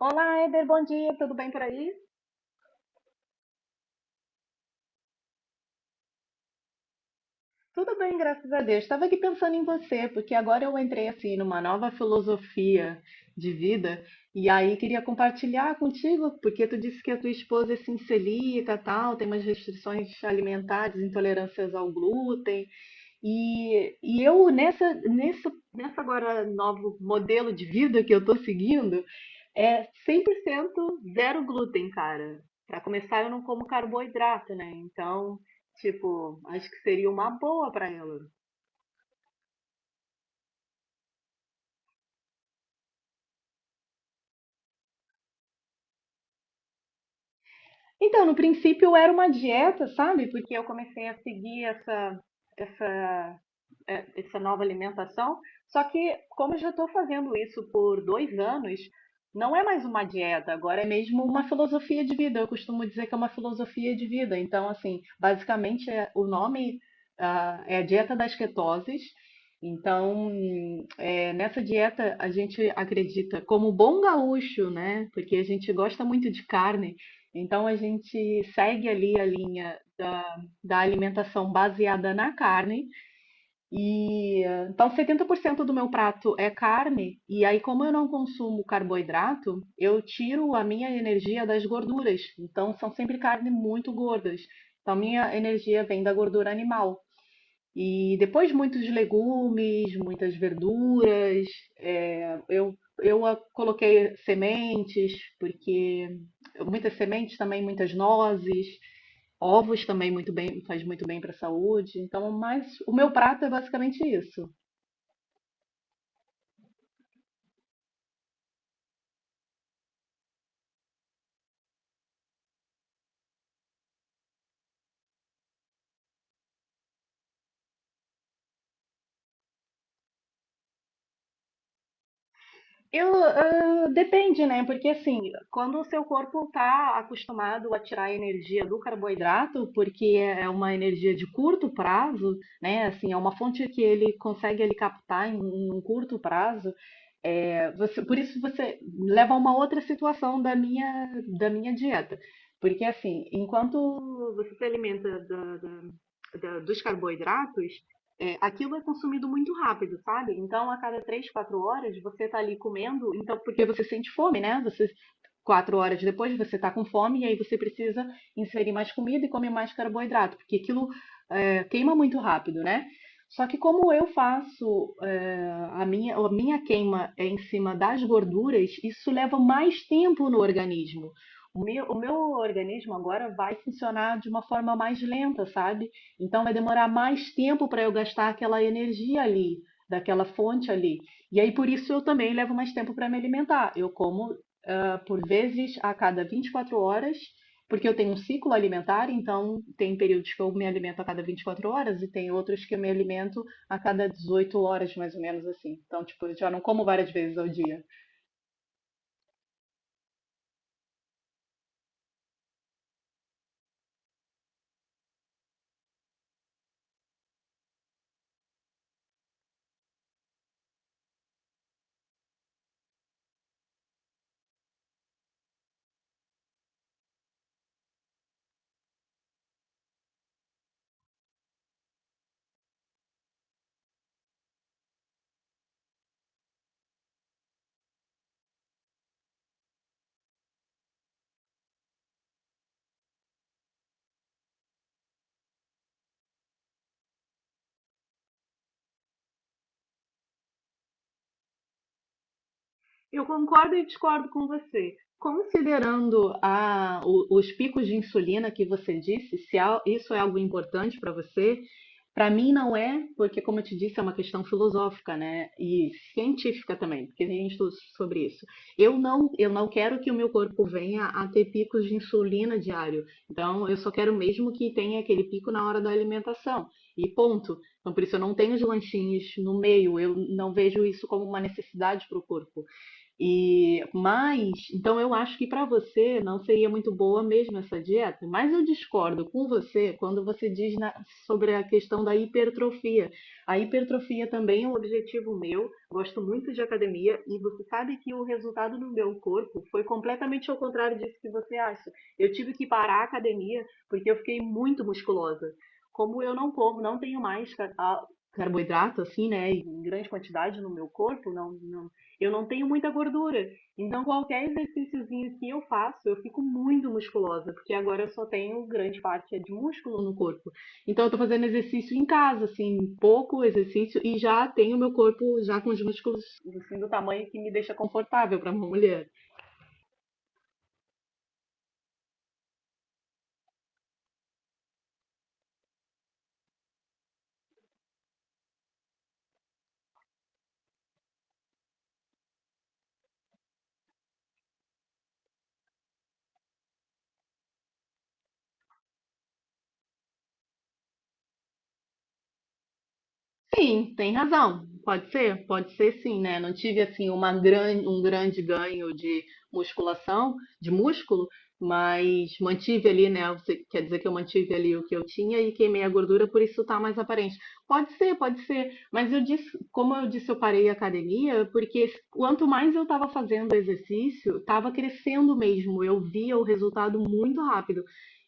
Olá, Eder, bom dia, tudo bem por aí? Tudo bem, graças a Deus. Estava aqui pensando em você, porque agora eu entrei assim numa nova filosofia de vida e aí queria compartilhar contigo, porque tu disse que a tua esposa é sincelica, tal, tem umas restrições alimentares, intolerâncias ao glúten e eu nessa agora novo modelo de vida que eu estou seguindo. É 100% zero glúten, cara. Pra começar, eu não como carboidrato, né? Então, tipo, acho que seria uma boa pra ela. Então, no princípio era uma dieta, sabe? Porque eu comecei a seguir essa essa nova alimentação. Só que, como eu já estou fazendo isso por dois anos, não é mais uma dieta, agora é mesmo uma filosofia de vida. Eu costumo dizer que é uma filosofia de vida. Então, assim, basicamente o nome é a dieta das ketoses. Então, nessa dieta a gente acredita, como bom gaúcho, né? Porque a gente gosta muito de carne, então a gente segue ali a linha da alimentação baseada na carne, e então 70% do meu prato é carne, e aí como eu não consumo carboidrato, eu tiro a minha energia das gorduras. Então são sempre carne muito gordas. Então minha energia vem da gordura animal. E depois muitos legumes, muitas verduras. é, eu eu coloquei sementes, porque muitas sementes também, muitas nozes, ovos também muito bem, faz muito bem para a saúde. Então, mas o meu prato é basicamente isso. Depende, né? Porque assim, quando o seu corpo está acostumado a tirar a energia do carboidrato, porque é uma energia de curto prazo, né? Assim, é uma fonte que ele consegue ele captar em um curto prazo. Por isso você leva a uma outra situação da minha dieta, porque assim, enquanto você se alimenta dos carboidratos, aquilo é consumido muito rápido, sabe? Então, a cada 3, 4 horas, você tá ali comendo, então, porque você sente fome, né? Você, 4 horas depois, você tá com fome, e aí você precisa inserir mais comida e comer mais carboidrato, porque aquilo queima muito rápido, né? Só que como eu faço é a minha queima é em cima das gorduras, isso leva mais tempo no organismo. O meu organismo agora vai funcionar de uma forma mais lenta, sabe? Então vai demorar mais tempo para eu gastar aquela energia ali, daquela fonte ali. E aí por isso eu também levo mais tempo para me alimentar. Eu como por vezes a cada 24 horas, porque eu tenho um ciclo alimentar, então tem períodos que eu me alimento a cada 24 horas e tem outros que eu me alimento a cada 18 horas, mais ou menos assim. Então, tipo, eu já não como várias vezes ao dia. Eu concordo e discordo com você. Considerando os picos de insulina que você disse, se al- isso é algo importante para você, para mim não é, porque, como eu te disse, é uma questão filosófica, né? E científica também, porque tem estudos sobre isso. Eu não quero que o meu corpo venha a ter picos de insulina diário. Então, eu só quero mesmo que tenha aquele pico na hora da alimentação. E ponto. Então, por isso, eu não tenho os lanchinhos no meio. Eu não vejo isso como uma necessidade para o corpo. E mas, então eu acho que para você não seria muito boa mesmo essa dieta, mas eu discordo com você quando você diz sobre a questão da hipertrofia. A hipertrofia também é um objetivo meu. Gosto muito de academia e você sabe que o resultado no meu corpo foi completamente ao contrário disso que você acha. Eu tive que parar a academia porque eu fiquei muito musculosa. Como eu não como, não tenho mais carboidrato assim, né, em grande quantidade no meu corpo, não, não, eu não tenho muita gordura. Então, qualquer exercíciozinho que eu faço, eu fico muito musculosa, porque agora eu só tenho grande parte é de músculo no corpo. Então, eu tô fazendo exercício em casa, assim, pouco exercício, e já tenho meu corpo já com os músculos assim, do tamanho que me deixa confortável para uma mulher. Sim, tem razão. Pode ser sim, né? Não tive assim uma grande, um grande ganho de musculação, de músculo, mas mantive ali, né? Você quer dizer que eu mantive ali o que eu tinha e queimei a gordura, por isso tá mais aparente. Pode ser, pode ser. Mas eu disse, como eu disse, eu parei a academia porque quanto mais eu estava fazendo exercício, estava crescendo mesmo. Eu via o resultado muito rápido.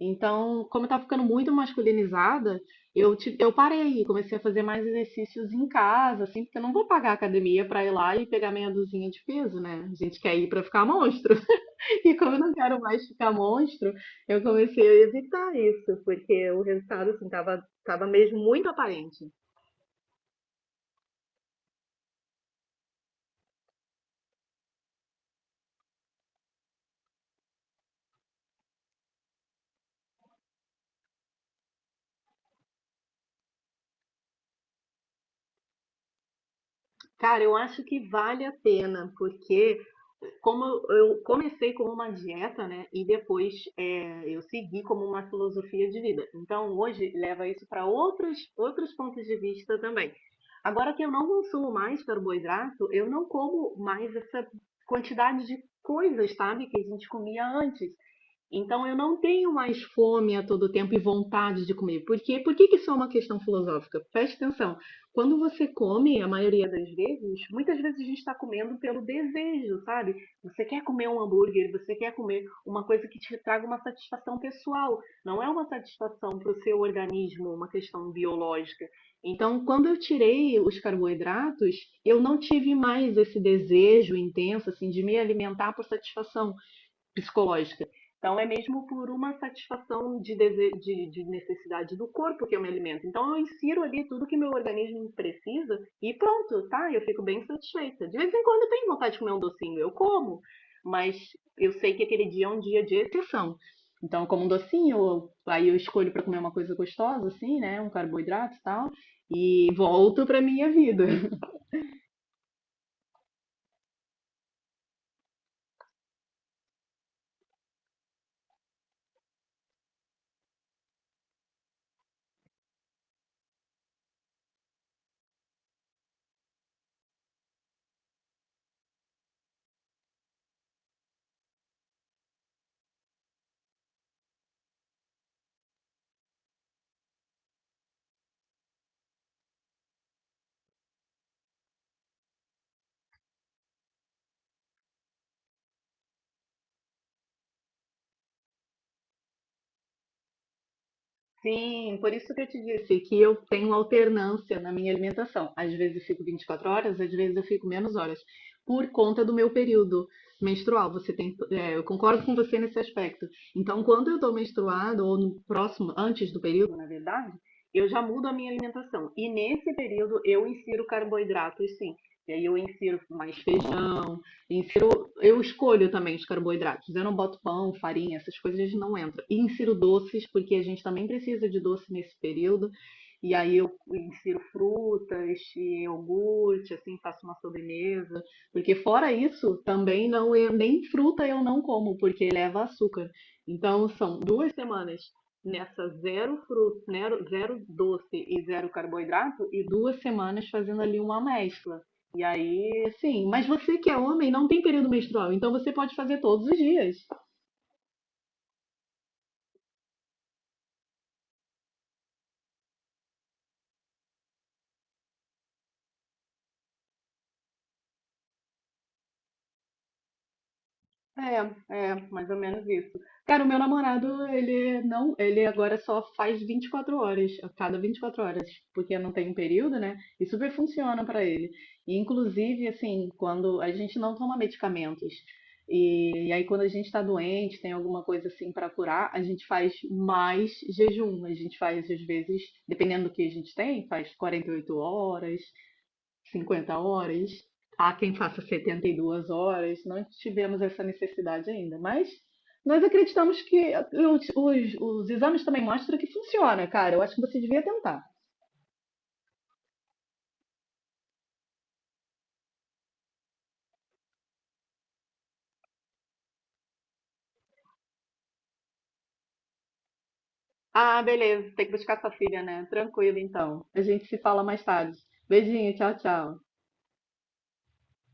Então, como eu estava ficando muito masculinizada, eu parei, comecei a fazer mais exercícios em casa, assim, porque eu não vou pagar a academia pra ir lá e pegar meia dúzia de peso, né? A gente quer ir pra ficar monstro. E como eu não quero mais ficar monstro, eu comecei a evitar isso, porque o resultado, assim, tava mesmo muito aparente. Cara, eu acho que vale a pena, porque como eu comecei como uma dieta, né? E depois, eu segui como uma filosofia de vida. Então hoje leva isso para outros pontos de vista também. Agora que eu não consumo mais carboidrato, eu não como mais essa quantidade de coisas, sabe, que a gente comia antes. Então eu não tenho mais fome a todo tempo e vontade de comer. Por quê? Por que que isso é uma questão filosófica? Preste atenção. Quando você come, a maioria das vezes, muitas vezes a gente está comendo pelo desejo, sabe? Você quer comer um hambúrguer, você quer comer uma coisa que te traga uma satisfação pessoal. Não é uma satisfação para o seu organismo, uma questão biológica. Então, quando eu tirei os carboidratos, eu não tive mais esse desejo intenso assim de me alimentar por satisfação psicológica. Então, é mesmo por uma satisfação de necessidade do corpo que eu me alimento. Então, eu insiro ali tudo que meu organismo precisa e pronto, tá? Eu fico bem satisfeita. De vez em quando eu tenho vontade de comer um docinho, eu como, mas eu sei que aquele dia é um dia de exceção. Então, eu como um docinho, aí eu escolho para comer uma coisa gostosa, assim, né? Um carboidrato e tal, e volto para minha vida. Sim, por isso que eu te disse que eu tenho alternância na minha alimentação. Às vezes eu fico 24 horas, às vezes eu fico menos horas, por conta do meu período menstrual. Eu concordo com você nesse aspecto. Então, quando eu estou menstruada, ou no próximo, antes do período, na verdade, eu já mudo a minha alimentação. E nesse período eu insiro carboidratos, sim. E aí eu insiro mais feijão. Eu escolho também os carboidratos. Eu não boto pão, farinha, essas coisas não entram. E insiro doces, porque a gente também precisa de doce nesse período. E aí eu insiro frutas, iogurte, assim, faço uma sobremesa. Porque fora isso, também não nem fruta eu não como, porque leva açúcar. Então são duas semanas nessa zero fruta, zero doce e zero carboidrato, e duas semanas fazendo ali uma mescla. E aí, sim, mas você que é homem não tem período menstrual, então você pode fazer todos os dias. É, é, mais ou menos isso. Cara, o meu namorado, ele não, ele agora só faz 24 horas, a cada 24 horas, porque não tem um período, né? E super funciona pra ele. E, inclusive, assim, quando a gente não toma medicamentos, e aí quando a gente tá doente, tem alguma coisa assim pra curar, a gente faz mais jejum. A gente faz, às vezes, dependendo do que a gente tem, faz 48 horas, 50 horas. Há quem faça 72 horas. Não tivemos essa necessidade ainda, mas nós acreditamos que os exames também mostram que funciona, cara. Eu acho que você devia tentar. Ah, beleza. Tem que buscar sua filha, né? Tranquilo, então. A gente se fala mais tarde. Beijinho, tchau, tchau.